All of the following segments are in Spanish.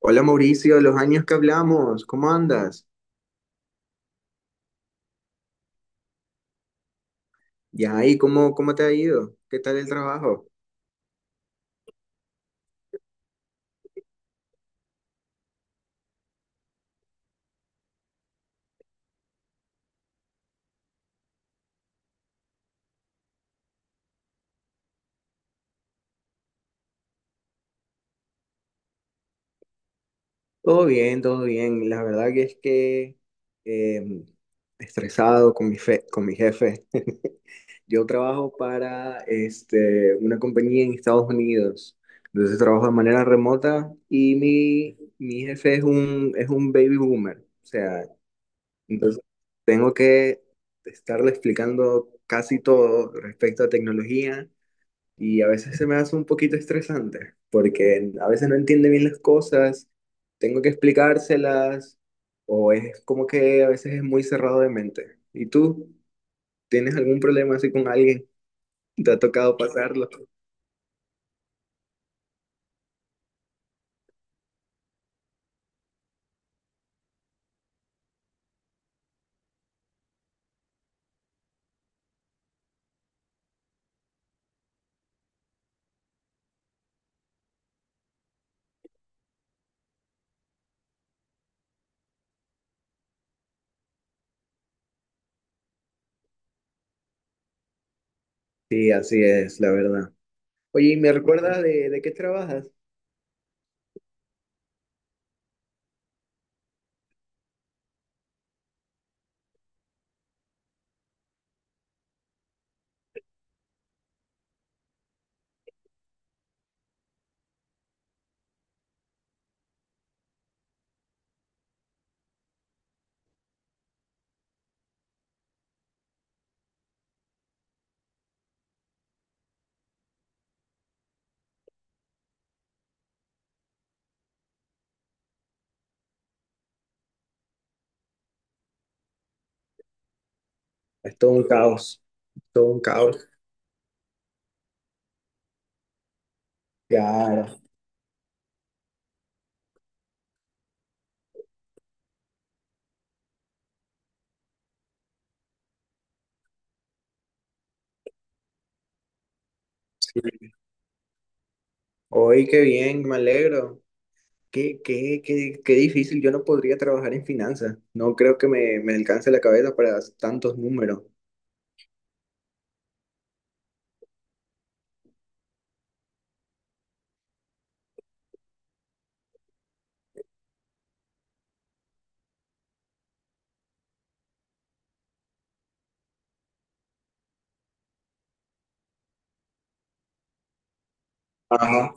Hola Mauricio, los años que hablamos, ¿cómo andas? Ya, ¿y cómo te ha ido? ¿Qué tal el trabajo? Todo bien, todo bien. La verdad que es que eh, estresado con con mi jefe. Yo trabajo para una compañía en Estados Unidos. Entonces trabajo de manera remota y mi jefe es un baby boomer. O sea, entonces tengo que estarle explicando casi todo respecto a tecnología y a veces se me hace un poquito estresante porque a veces no entiende bien las cosas, tengo que explicárselas o es como que a veces es muy cerrado de mente. ¿Y tú tienes algún problema así con alguien? ¿Te ha tocado pasarlo? Sí, así es, la verdad. Oye, ¿y me recuerdas de qué trabajas? Es todo un caos, todo un caos. Claro. Sí. Hoy qué bien, me alegro. Qué difícil, yo no podría trabajar en finanzas, no creo que me alcance la cabeza para tantos números. Ajá,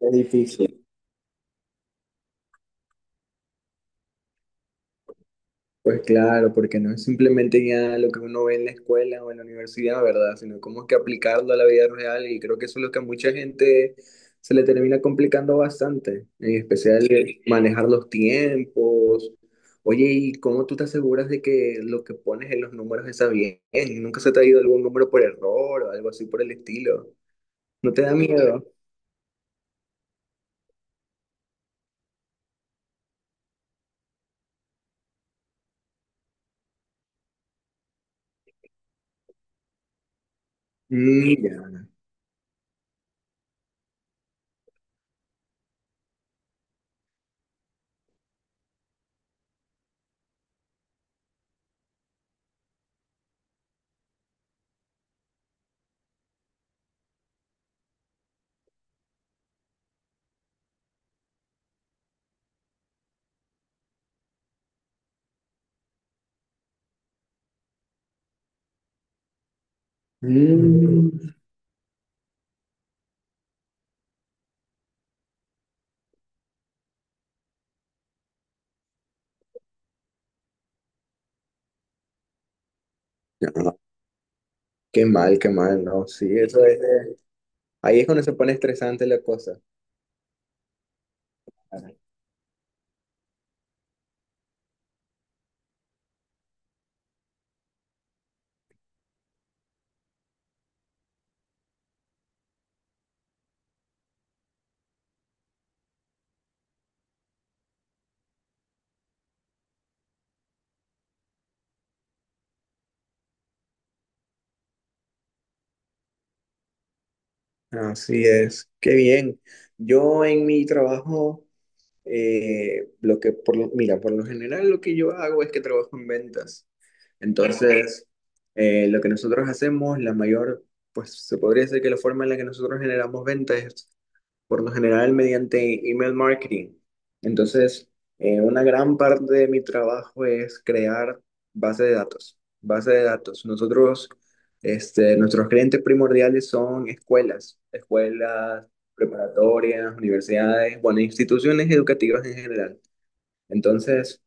es difícil. Pues claro, porque no es simplemente ya lo que uno ve en la escuela o en la universidad, ¿verdad? Sino cómo es que aplicarlo a la vida real y creo que eso es lo que a mucha gente se le termina complicando bastante, en especial, sí, manejar los tiempos. Oye, ¿y cómo tú te aseguras de que lo que pones en los números está bien? ¿Nunca se te ha ido algún número por error o algo así por el estilo? ¿No te da miedo? Mira. Mm. No, qué mal, no. Sí, eso es. Ahí es cuando se pone estresante la cosa. Así es, qué bien. Yo en mi trabajo, lo que mira, por lo general lo que yo hago es que trabajo en ventas. Entonces, lo que nosotros hacemos, pues se podría decir que la forma en la que nosotros generamos ventas por lo general mediante email marketing. Entonces, una gran parte de mi trabajo es crear base de datos. Base de datos. Nosotros, nuestros clientes primordiales son escuelas, escuelas preparatorias, universidades, bueno, instituciones educativas en general. Entonces,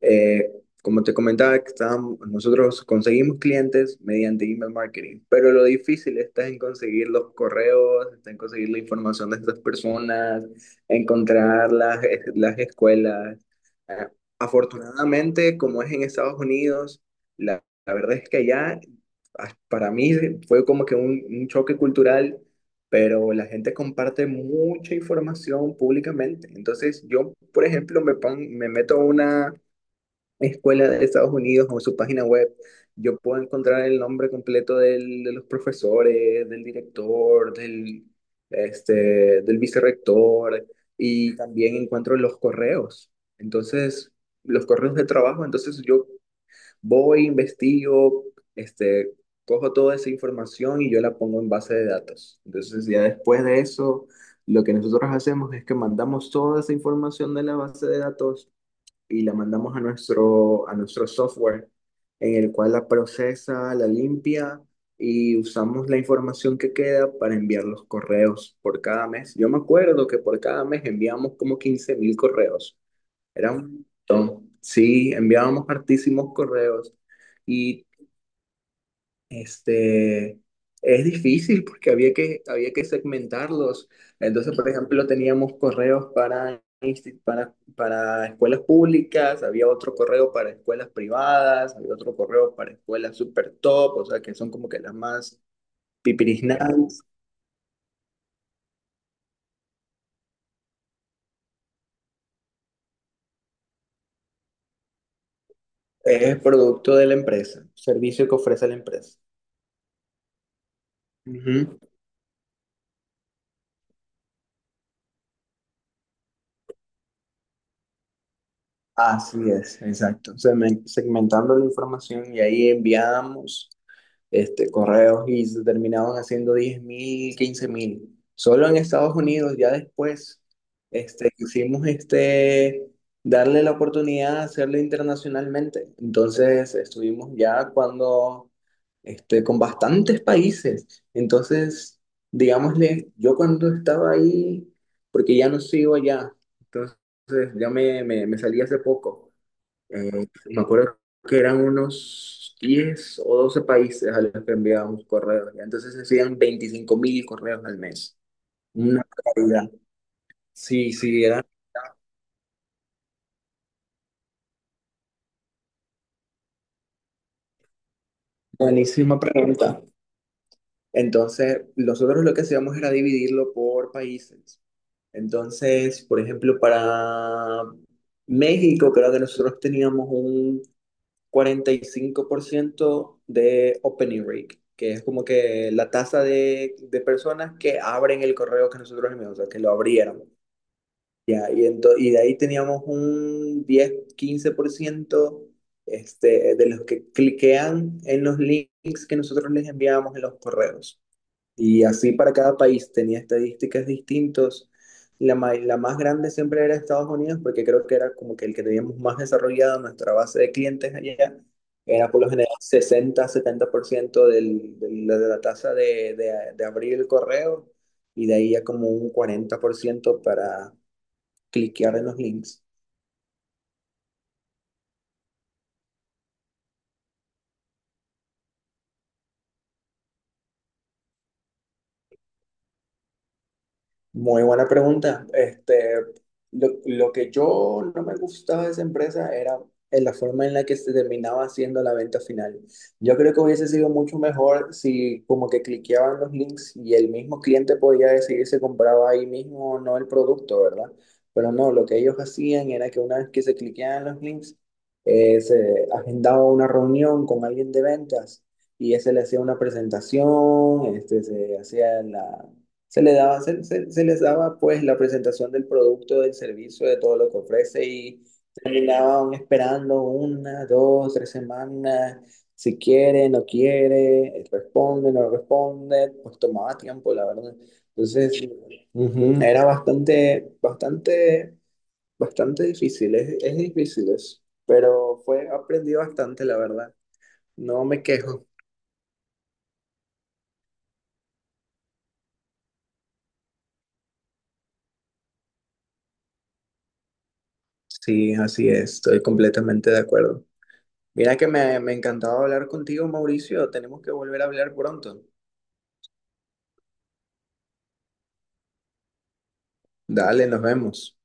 eh, como te comentaba, que nosotros conseguimos clientes mediante email marketing, pero lo difícil está en conseguir los correos, está en conseguir la información de estas personas, encontrar las escuelas. Eh, afortunadamente, como es en Estados Unidos, la verdad es que allá, para mí fue como que un choque cultural, pero la gente comparte mucha información públicamente. Entonces, yo, por ejemplo, me meto a una escuela de Estados Unidos o su página web, yo puedo encontrar el nombre completo de los profesores, del director, este, del vicerrector, y también encuentro los correos. Entonces, los correos de trabajo, entonces yo voy, investigo, este, cojo toda esa información y yo la pongo en base de datos. Entonces, ya después de eso, lo que nosotros hacemos es que mandamos toda esa información de la base de datos y la mandamos a nuestro software, en el cual la procesa, la limpia y usamos la información que queda para enviar los correos por cada mes. Yo me acuerdo que por cada mes enviamos como 15,000 correos. Era un montón. Sí, enviábamos hartísimos correos. Y este es difícil porque había que segmentarlos. Entonces, por ejemplo, teníamos correos para escuelas públicas, había otro correo para escuelas privadas, había otro correo para escuelas super top, o sea, que son como que las más pipirisnadas. Es producto de la empresa, servicio que ofrece la empresa. Así es, exacto. Segmentando la información y ahí enviamos, correos, y se terminaban haciendo 10,000, 15,000. Solo en Estados Unidos, ya después, quisimos, darle la oportunidad de hacerlo internacionalmente. Entonces, estuvimos ya cuando, con bastantes países. Entonces, digámosle, yo cuando estaba ahí, porque ya no sigo allá, entonces ya me salí hace poco. Me acuerdo que eran unos 10 o 12 países a los que enviábamos correos. Ya. Entonces se hacían 25 mil correos al mes. Una barbaridad. Sí, sí, era buenísima pregunta. Entonces, nosotros lo que hacíamos era dividirlo por países. Entonces, por ejemplo, para México, creo que nosotros teníamos un 45% de opening rate, que es como que la tasa de personas que abren el correo que nosotros enviamos, o sea, que lo abrieron. Ya, y de ahí teníamos un 10-15%, de los que cliquean en los links que nosotros les enviábamos en los correos. Y así para cada país tenía estadísticas distintas. La más grande siempre era Estados Unidos, porque creo que era como que el que teníamos más desarrollado nuestra base de clientes allá. Era por lo general 60-70% de la tasa de abrir el correo y de ahí ya como un 40% para cliquear en los links. Muy buena pregunta. Lo que yo no me gustaba de esa empresa era en la forma en la que se terminaba haciendo la venta final. Yo creo que hubiese sido mucho mejor si como que cliqueaban los links y el mismo cliente podía decidir si compraba ahí mismo o no el producto, ¿verdad? Pero no, lo que ellos hacían era que una vez que se cliqueaban los links, se agendaba una reunión con alguien de ventas y ese le hacía una presentación, se hacía la se le daba, se les daba pues la presentación del producto, del servicio, de todo lo que ofrece, y terminaban esperando una, dos, tres semanas, si quiere, no quiere, responde, no responde, pues tomaba tiempo, la verdad. Entonces, era bastante, bastante, bastante difícil, es difícil eso, pero fue, aprendí bastante, la verdad. No me quejo. Sí, así es, estoy completamente de acuerdo. Mira que me encantaba hablar contigo, Mauricio. Tenemos que volver a hablar pronto. Dale, nos vemos.